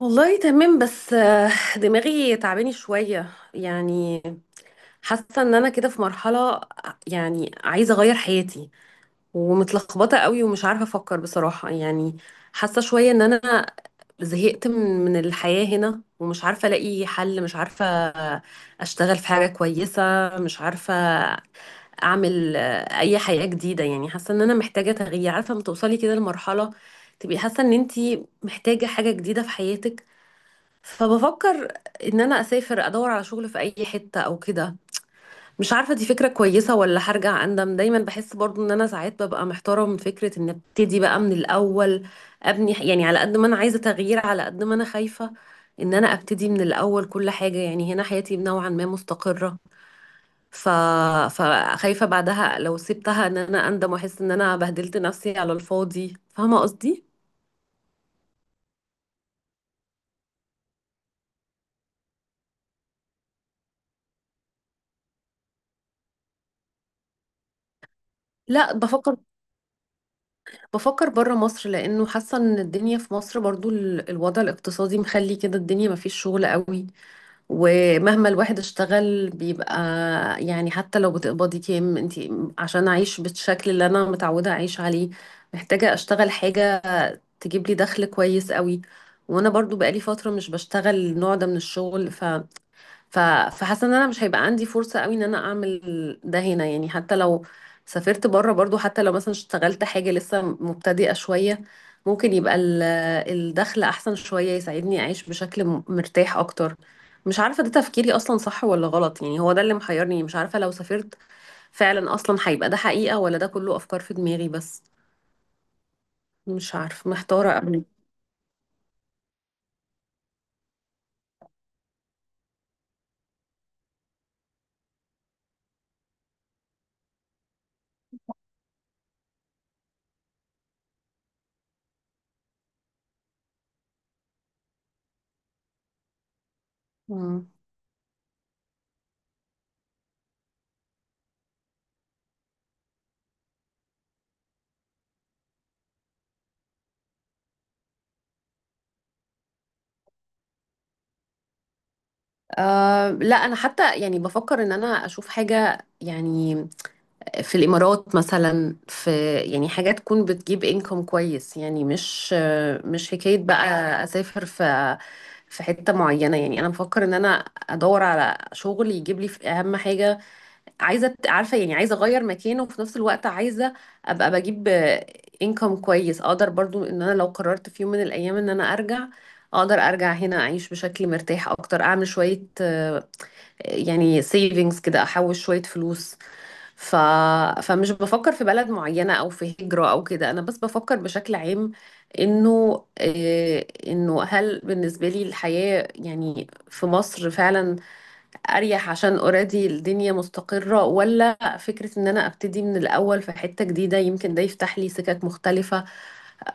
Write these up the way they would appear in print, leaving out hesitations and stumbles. والله تمام بس دماغي تعباني شوية يعني. حاسة ان انا كده في مرحلة، يعني عايزة اغير حياتي ومتلخبطة قوي ومش عارفة افكر بصراحة يعني. حاسة شوية ان انا زهقت من الحياة هنا ومش عارفة الاقي حل، مش عارفة اشتغل في حاجة كويسة، مش عارفة اعمل اي حياة جديدة، يعني حاسة ان انا محتاجة تغيير. عارفة لما توصلي كده لمرحلة تبقي حاسة ان انتي محتاجة حاجة جديدة في حياتك، فبفكر ان انا اسافر ادور على شغل في اي حتة او كده. مش عارفة دي فكرة كويسة ولا هرجع اندم. دايما بحس برضو ان انا ساعات ببقى محتارة من فكرة ان ابتدي بقى من الاول ابني، يعني على قد ما انا عايزة تغيير على قد ما انا خايفة ان انا ابتدي من الاول كل حاجة. يعني هنا حياتي نوعا ما مستقرة، ف... فخايفة بعدها لو سبتها ان انا اندم واحس ان انا بهدلت نفسي على الفاضي. فاهمة قصدي؟ لا، بفكر بره مصر، لانه حاسه ان الدنيا في مصر برضو الوضع الاقتصادي مخلي كده الدنيا مفيش شغل قوي. ومهما الواحد اشتغل بيبقى، يعني حتى لو بتقبضي كام انت، عشان اعيش بالشكل اللي انا متعوده اعيش عليه محتاجه اشتغل حاجه تجيب لي دخل كويس قوي. وانا برضو بقالي فتره مش بشتغل النوع ده من الشغل، ف- فحاسه ان انا مش هيبقى عندي فرصه قوي ان انا اعمل ده هنا، يعني حتى لو سافرت بره برضو، حتى لو مثلا اشتغلت حاجه لسه مبتدئه شويه، ممكن يبقى الدخل احسن شويه، يساعدني اعيش بشكل مرتاح اكتر. مش عارفه ده تفكيري اصلا صح ولا غلط، يعني هو ده اللي محيرني. مش عارفه لو سافرت فعلا اصلا هيبقى ده حقيقه ولا ده كله افكار في دماغي بس. مش عارفه، محتاره قوي. مم. آه، لا انا حتى يعني بفكر ان انا اشوف حاجه، يعني في الإمارات مثلا في يعني حاجة تكون بتجيب انكم كويس، يعني مش حكاية بقى أسافر في حتة معينة، يعني أنا بفكر إن أنا أدور على شغل يجيب لي، في أهم حاجة عايزة، عارفة، يعني عايزة أغير مكانه وفي نفس الوقت عايزة أبقى بجيب انكم كويس أقدر برضو إن أنا لو قررت في يوم من الأيام إن أنا أرجع اقدر ارجع هنا اعيش بشكل مرتاح اكتر، اعمل شوية يعني سيفينجز كده، احوش شوية فلوس. ف... فمش بفكر في بلد معينة أو في هجرة أو كده، أنا بس بفكر بشكل عام، إنه هل بالنسبة لي الحياة يعني في مصر فعلا أريح عشان أوريدي الدنيا مستقرة، ولا فكرة إن أنا أبتدي من الأول في حتة جديدة يمكن ده يفتح لي سكك مختلفة.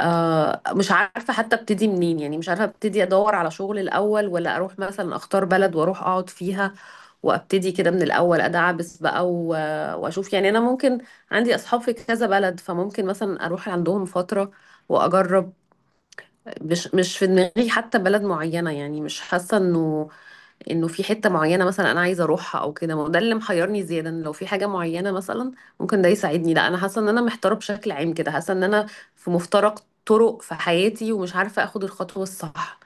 مش عارفة حتى أبتدي منين، يعني مش عارفة أبتدي أدور على شغل الأول ولا أروح مثلا أختار بلد وأروح أقعد فيها وابتدي كده من الاول ادعبس بقى، واشوف يعني انا ممكن، عندي اصحاب في كذا بلد، فممكن مثلا اروح عندهم فتره واجرب. مش في دماغي حتى بلد معينه، يعني مش حاسه انه في حته معينه مثلا انا عايزه اروحها او كده. ما هو ده اللي محيرني زياده، إن لو في حاجه معينه مثلا ممكن ده يساعدني، لا انا حاسه ان انا محتاره بشكل عام كده، حاسه ان انا في مفترق طرق في حياتي ومش عارفه اخد الخطوه الصح.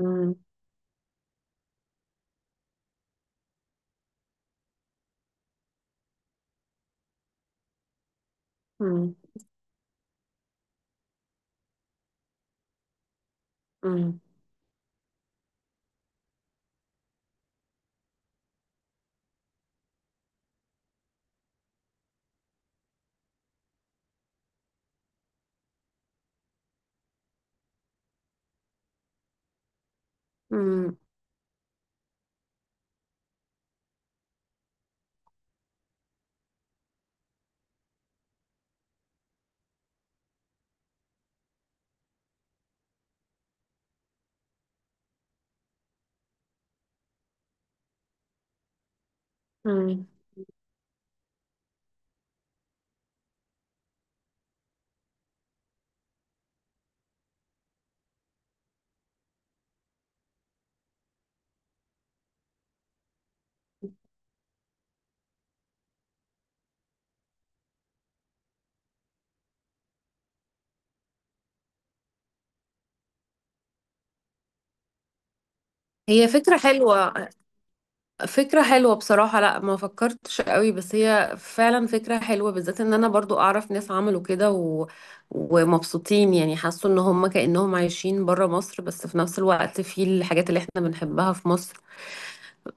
مم. مم. مم. مم. مم. هي فكرة حلوة، فكرة حلوة بصراحة. لا، ما فكرتش قوي، بس هي فعلا فكرة حلوة، بالذات ان انا برضو اعرف ناس عملوا كده ومبسوطين، يعني حسوا ان هم كأنهم عايشين برا مصر بس في نفس الوقت في الحاجات اللي احنا بنحبها في مصر.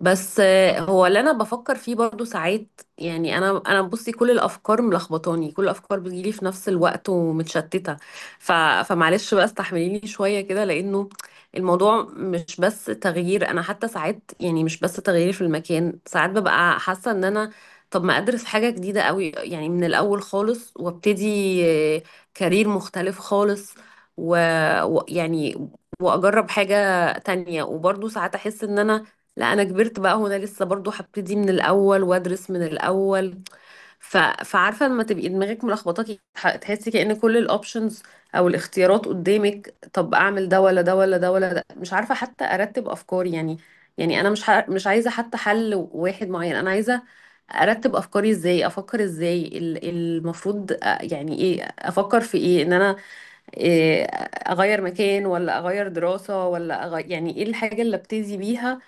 بس هو اللي انا بفكر فيه برضو ساعات، يعني انا بصي، كل الافكار ملخبطاني، كل الافكار بتجيلي في نفس الوقت ومتشتته. ف... فمعلش بقى استحمليني شويه كده، لانه الموضوع مش بس تغيير. انا حتى ساعات يعني مش بس تغيير في المكان، ساعات ببقى حاسه ان انا طب ما ادرس حاجه جديده قوي يعني من الاول خالص، وابتدي آه، كارير مختلف خالص، ويعني يعني واجرب حاجه تانية. وبرضو ساعات احس ان انا، لا انا كبرت بقى هنا لسه برضو هبتدي من الاول وادرس من الاول. فعارفه لما تبقي دماغك ملخبطاكي، تحسي كأن كل الاوبشنز او الاختيارات قدامك، طب اعمل ده ولا ده ولا ده ولا ده، مش عارفه حتى ارتب افكاري يعني. يعني انا مش عايزه حتى حل واحد معين، انا عايزه ارتب افكاري، ازاي افكر، ازاي المفروض يعني ايه افكر في ايه، ان انا إيه، اغير مكان ولا اغير دراسة ولا أغير، يعني ايه الحاجة اللي ابتدي بيها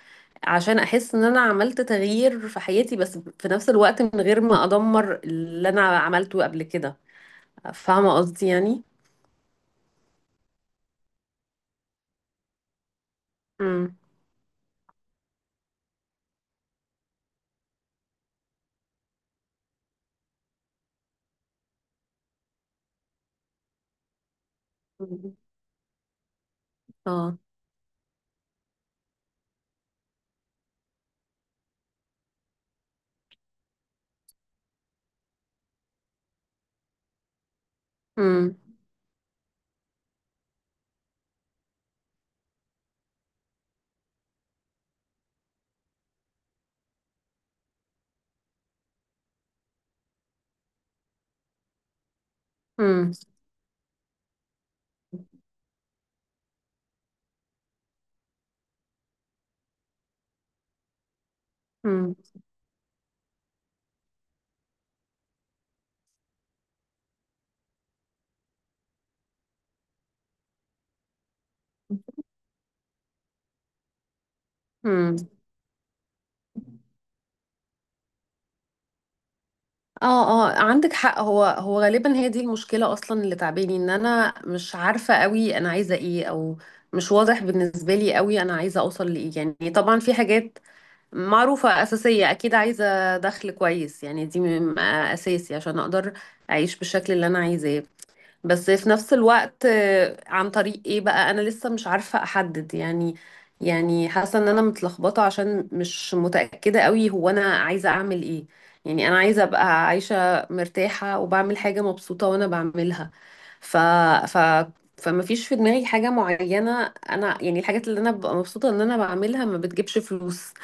عشان احس ان انا عملت تغيير في حياتي، بس في نفس الوقت من غير ما ادمر اللي انا عملته قبل كده. فاهمة قصدي يعني. امم. اه. امم. امم. امم. امم. اه. اه، عندك حق. هو غالبا هي دي المشكلة اصلا اللي تعباني، ان انا مش عارفة قوي انا عايزة ايه، او مش واضح بالنسبة لي قوي انا عايزة اوصل لايه. يعني طبعا في حاجات معروفة أساسية، أكيد عايزة دخل كويس، يعني دي أساسي عشان أقدر أعيش بالشكل اللي أنا عايزاه. بس في نفس الوقت عن طريق إيه بقى أنا لسه مش عارفة أحدد يعني. يعني حاسة إن أنا متلخبطة عشان مش متأكدة قوي هو أنا عايزة أعمل إيه. يعني أنا عايزة أبقى عايشة مرتاحة وبعمل حاجة مبسوطة وأنا بعملها. ف... ف... فما فيش في دماغي حاجة معينة أنا، يعني الحاجات اللي أنا ببقى مبسوطة إن أنا بعملها ما بتجيبش فلوس.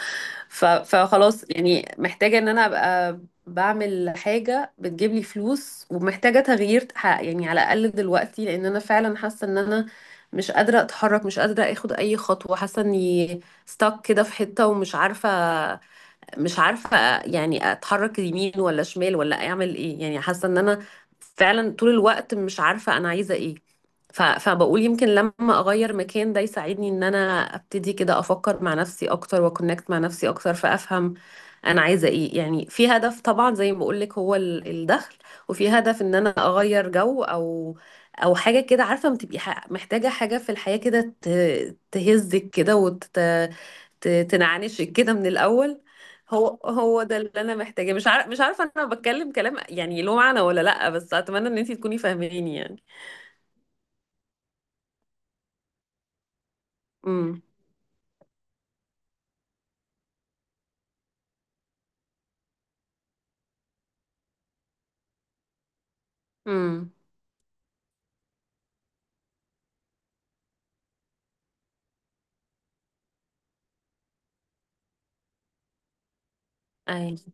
فخلاص يعني محتاجة ان انا ابقى بعمل حاجة بتجيب لي فلوس، ومحتاجة تغيير يعني على الاقل دلوقتي، لان انا فعلا حاسة ان انا مش قادرة اتحرك، مش قادرة اخد اي خطوة، حاسة اني ستاك كده في حتة ومش عارفة. مش عارفة يعني اتحرك يمين ولا شمال ولا اعمل ايه. يعني حاسة ان انا فعلا طول الوقت مش عارفة انا عايزة ايه. فبقول يمكن لما اغير مكان ده يساعدني ان انا ابتدي كده افكر مع نفسي اكتر واكونكت مع نفسي اكتر، فافهم انا عايزة ايه. يعني في هدف طبعا زي ما بقولك هو الدخل، وفي هدف ان انا اغير جو او حاجة كده. عارفة ما تبقي محتاجة حاجة في الحياة كده تهزك كده تنعنشك كده من الأول. هو ده اللي انا محتاجاه. مش عارفه انا بتكلم كلام يعني له معنى ولا لا، بس اتمنى ان انتي تكوني فاهماني يعني. امم. امم. ايوه.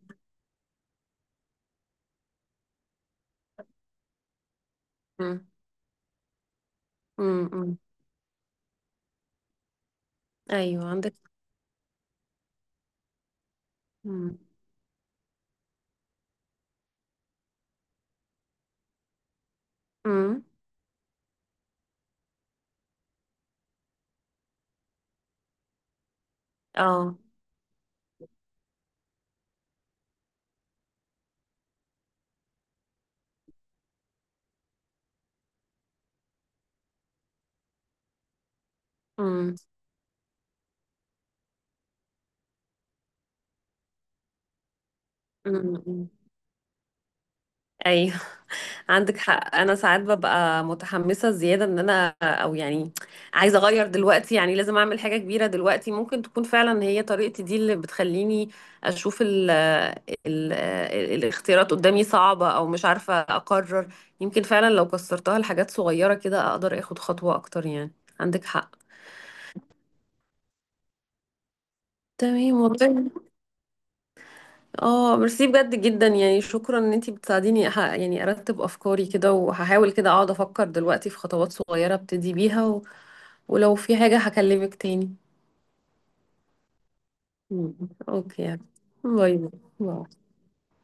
امم. امم. ايوه عندك. امم. امم. اه. امم. امم. امم. ايوه، عندك حق. انا ساعات ببقى متحمسه زياده ان انا او يعني عايزه اغير دلوقتي، يعني لازم اعمل حاجه كبيره دلوقتي. ممكن تكون فعلا هي طريقتي دي اللي بتخليني اشوف ال الاختيارات قدامي صعبه، او مش عارفه اقرر. يمكن فعلا لو كسرتها لحاجات صغيره كده اقدر اخد خطوه اكتر يعني. عندك حق. تمام والله. اه، ميرسي بجد جدا، يعني شكرا ان انتي بتساعديني يعني ارتب افكاري كده. وهحاول كده اقعد افكر دلوقتي في خطوات صغيره ابتدي بيها. ولو في حاجة هكلمك تاني. مم. اوكي. باي. باي.